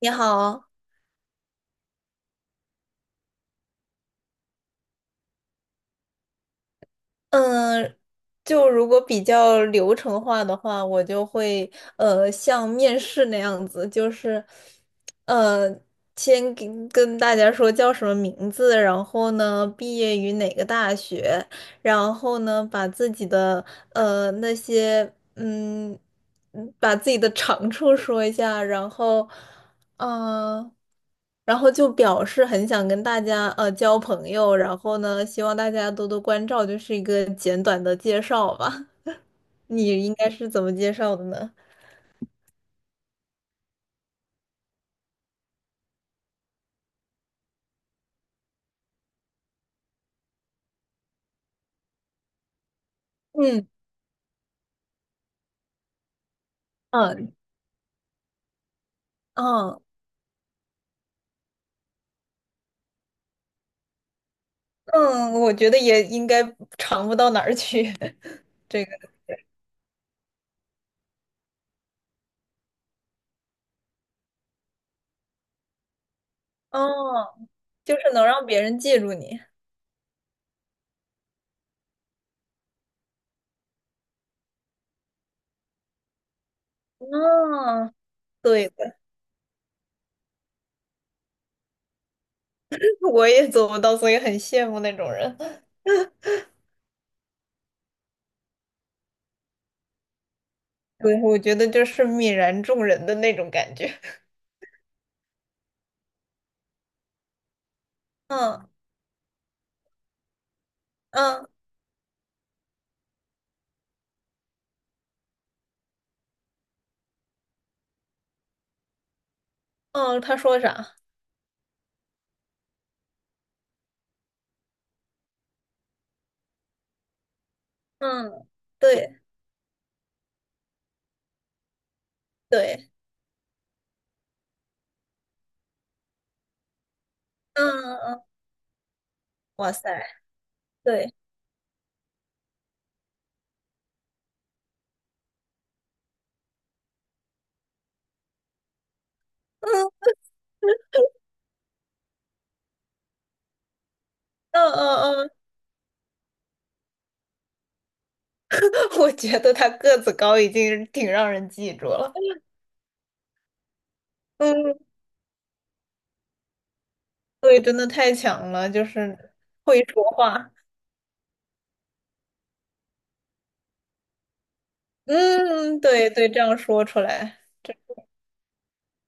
你好。嗯，就如果比较流程化的话，我就会像面试那样子，就是呃先跟大家说叫什么名字，然后呢毕业于哪个大学，然后呢把自己的那些把自己的长处说一下，然后。嗯，然后就表示很想跟大家交朋友，然后呢，希望大家多多关照，就是一个简短的介绍吧。你应该是怎么介绍的呢？嗯嗯嗯嗯，我觉得也应该长不到哪儿去。这个哦，就是能让别人记住你。嗯，对。我也做不到，所以很羡慕那种人。对，我觉得就是泯然众人的那种感觉。嗯嗯嗯，他说啥？嗯，对对，嗯嗯嗯，哇塞，对，嗯嗯嗯嗯。我觉得他个子高已经挺让人记住了。嗯，对，真的太强了，就是会说话。嗯，对对，这样说出来，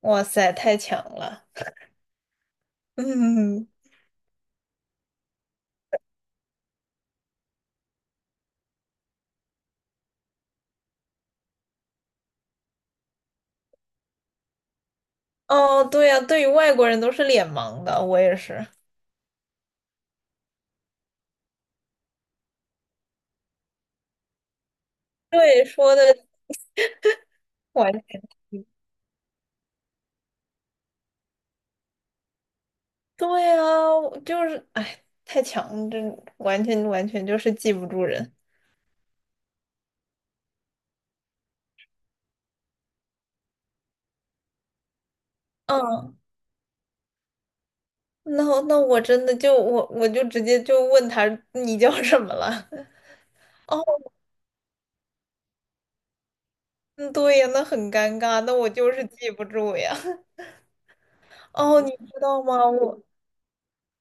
哇塞，太强了。嗯，哦，对呀，对于外国人都是脸盲的，我也是。对，说的完全对啊，我就是，哎，太强真完全完全就是记不住人。嗯，那我真的就我就直接就问他你叫什么了？哦，嗯对呀，那很尴尬，那我就是记不住呀。哦，你知道吗？我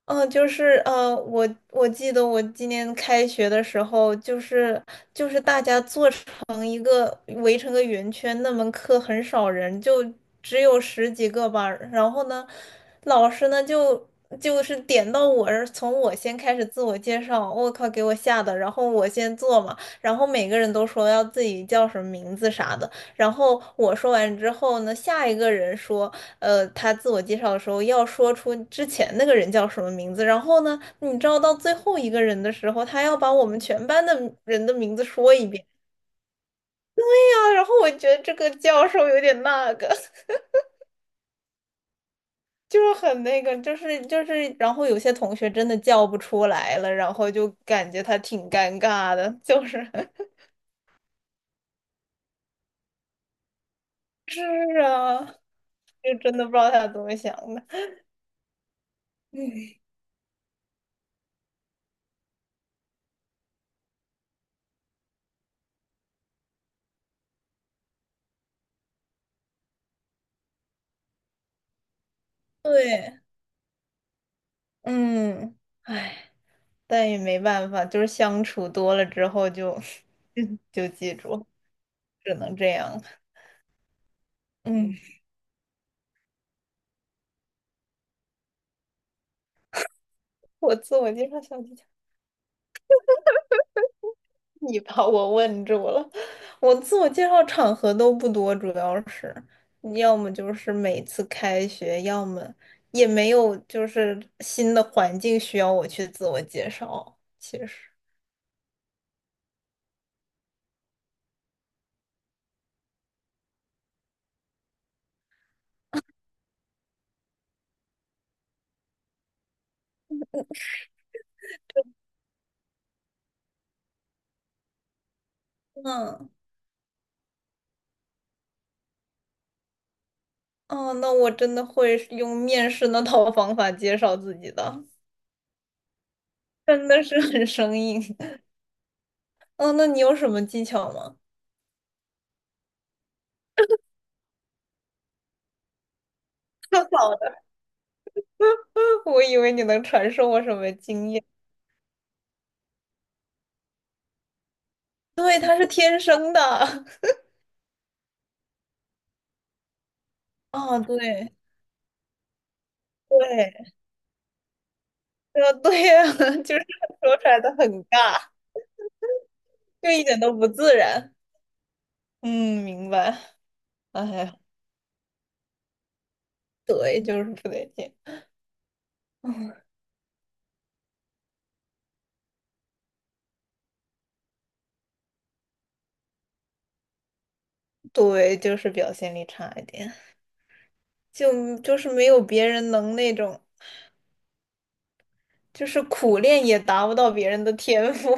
嗯，就是我记得我今年开学的时候，就是大家做成一个围成个圆圈，那门课很少人，就只有十几个班。然后呢，老师呢就是点到我，从我先开始自我介绍，我靠，给我吓的。然后我先做嘛，然后每个人都说要自己叫什么名字啥的。然后我说完之后呢，下一个人说，他自我介绍的时候要说出之前那个人叫什么名字。然后呢，你知道到最后一个人的时候，他要把我们全班的人的名字说一遍。对呀，然后我觉得这个教授有点那个。就是很那个，就是，然后有些同学真的叫不出来了，然后就感觉他挺尴尬的，就是 是啊，就真的不知道他怎么想的。嗯，对，嗯，唉。但也没办法，就是相处多了之后就 就记住，只能这样。嗯，我自我介绍小技巧，你把我问住了。我自我介绍场合都不多，主要是要么就是每次开学，要么也没有就是新的环境需要我去自我介绍。其实，嗯，哦，那我真的会用面试那套方法介绍自己的，真的是很生硬。哦，那你有什么技巧吗？跳好的。我以为你能传授我什么经验。对，他是天生的。哦，对对，对呀。就是说出来的很尬，就一点都不自然。嗯，明白。哎呀，对，就是不得劲。嗯，对，就是表现力差一点，就是没有别人能那种，就是苦练也达不到别人的天赋。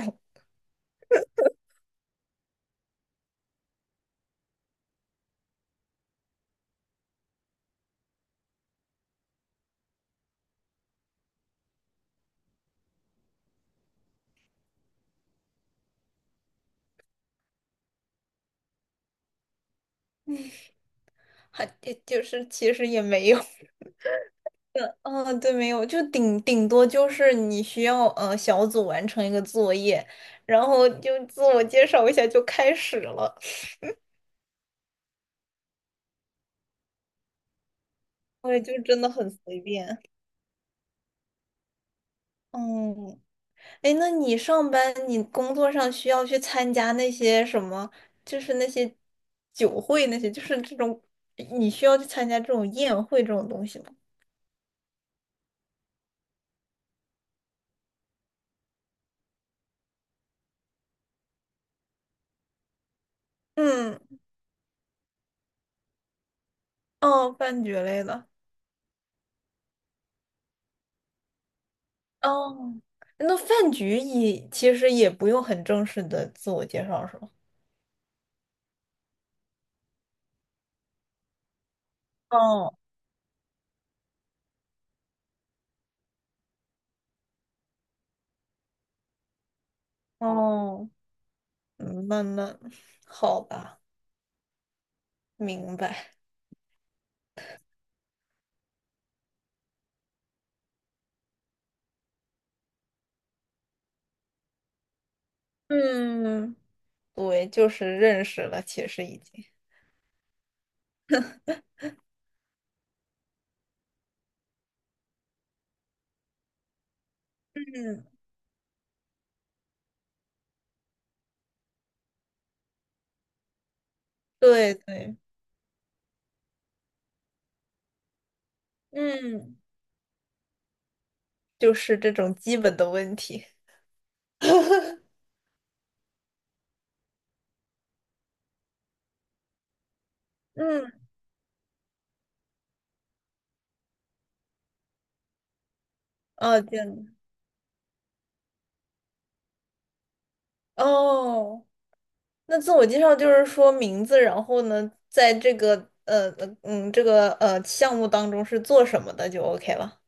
还就是其实也没有。嗯，对，没有，就顶多就是你需要小组完成一个作业，然后就自我介绍一下就开始了，所以就真的很随便。嗯，哎，那你上班，你工作上需要去参加那些什么，就是那些酒会那些，就是这种，你需要去参加这种宴会这种东西吗？嗯，哦，饭局类的。哦，那饭局也其实也不用很正式的自我介绍，是吗？哦哦，嗯慢慢，好吧，明白。嗯，对，就是认识了，其实已经。嗯，对对，嗯，就是这种基本的问题。嗯，哦，这样的哦，那自我介绍就是说名字，然后呢，在这个项目当中是做什么的就 OK 了。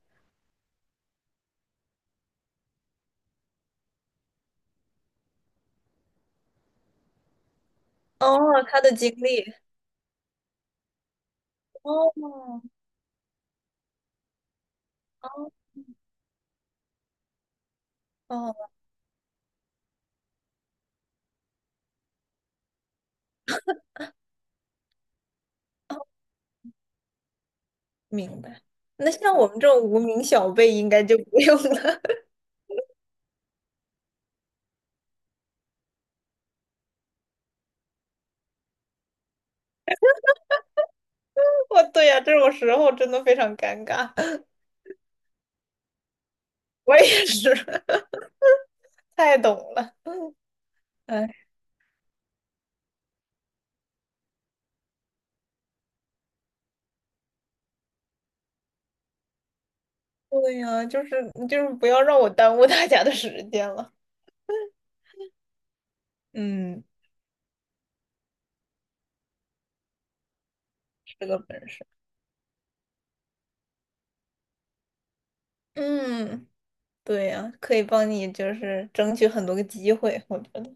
哦，他的经历。哦哦哦。明白。那像我们这种无名小辈，应该就不用了。我对呀，这种时候真的非常尴尬。我也是。太懂了。哎，对呀，就是不要让我耽误大家的时间了。嗯，是个本事。嗯，对呀，可以帮你就是争取很多个机会，我觉得。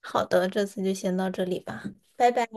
好的，这次就先到这里吧，拜拜。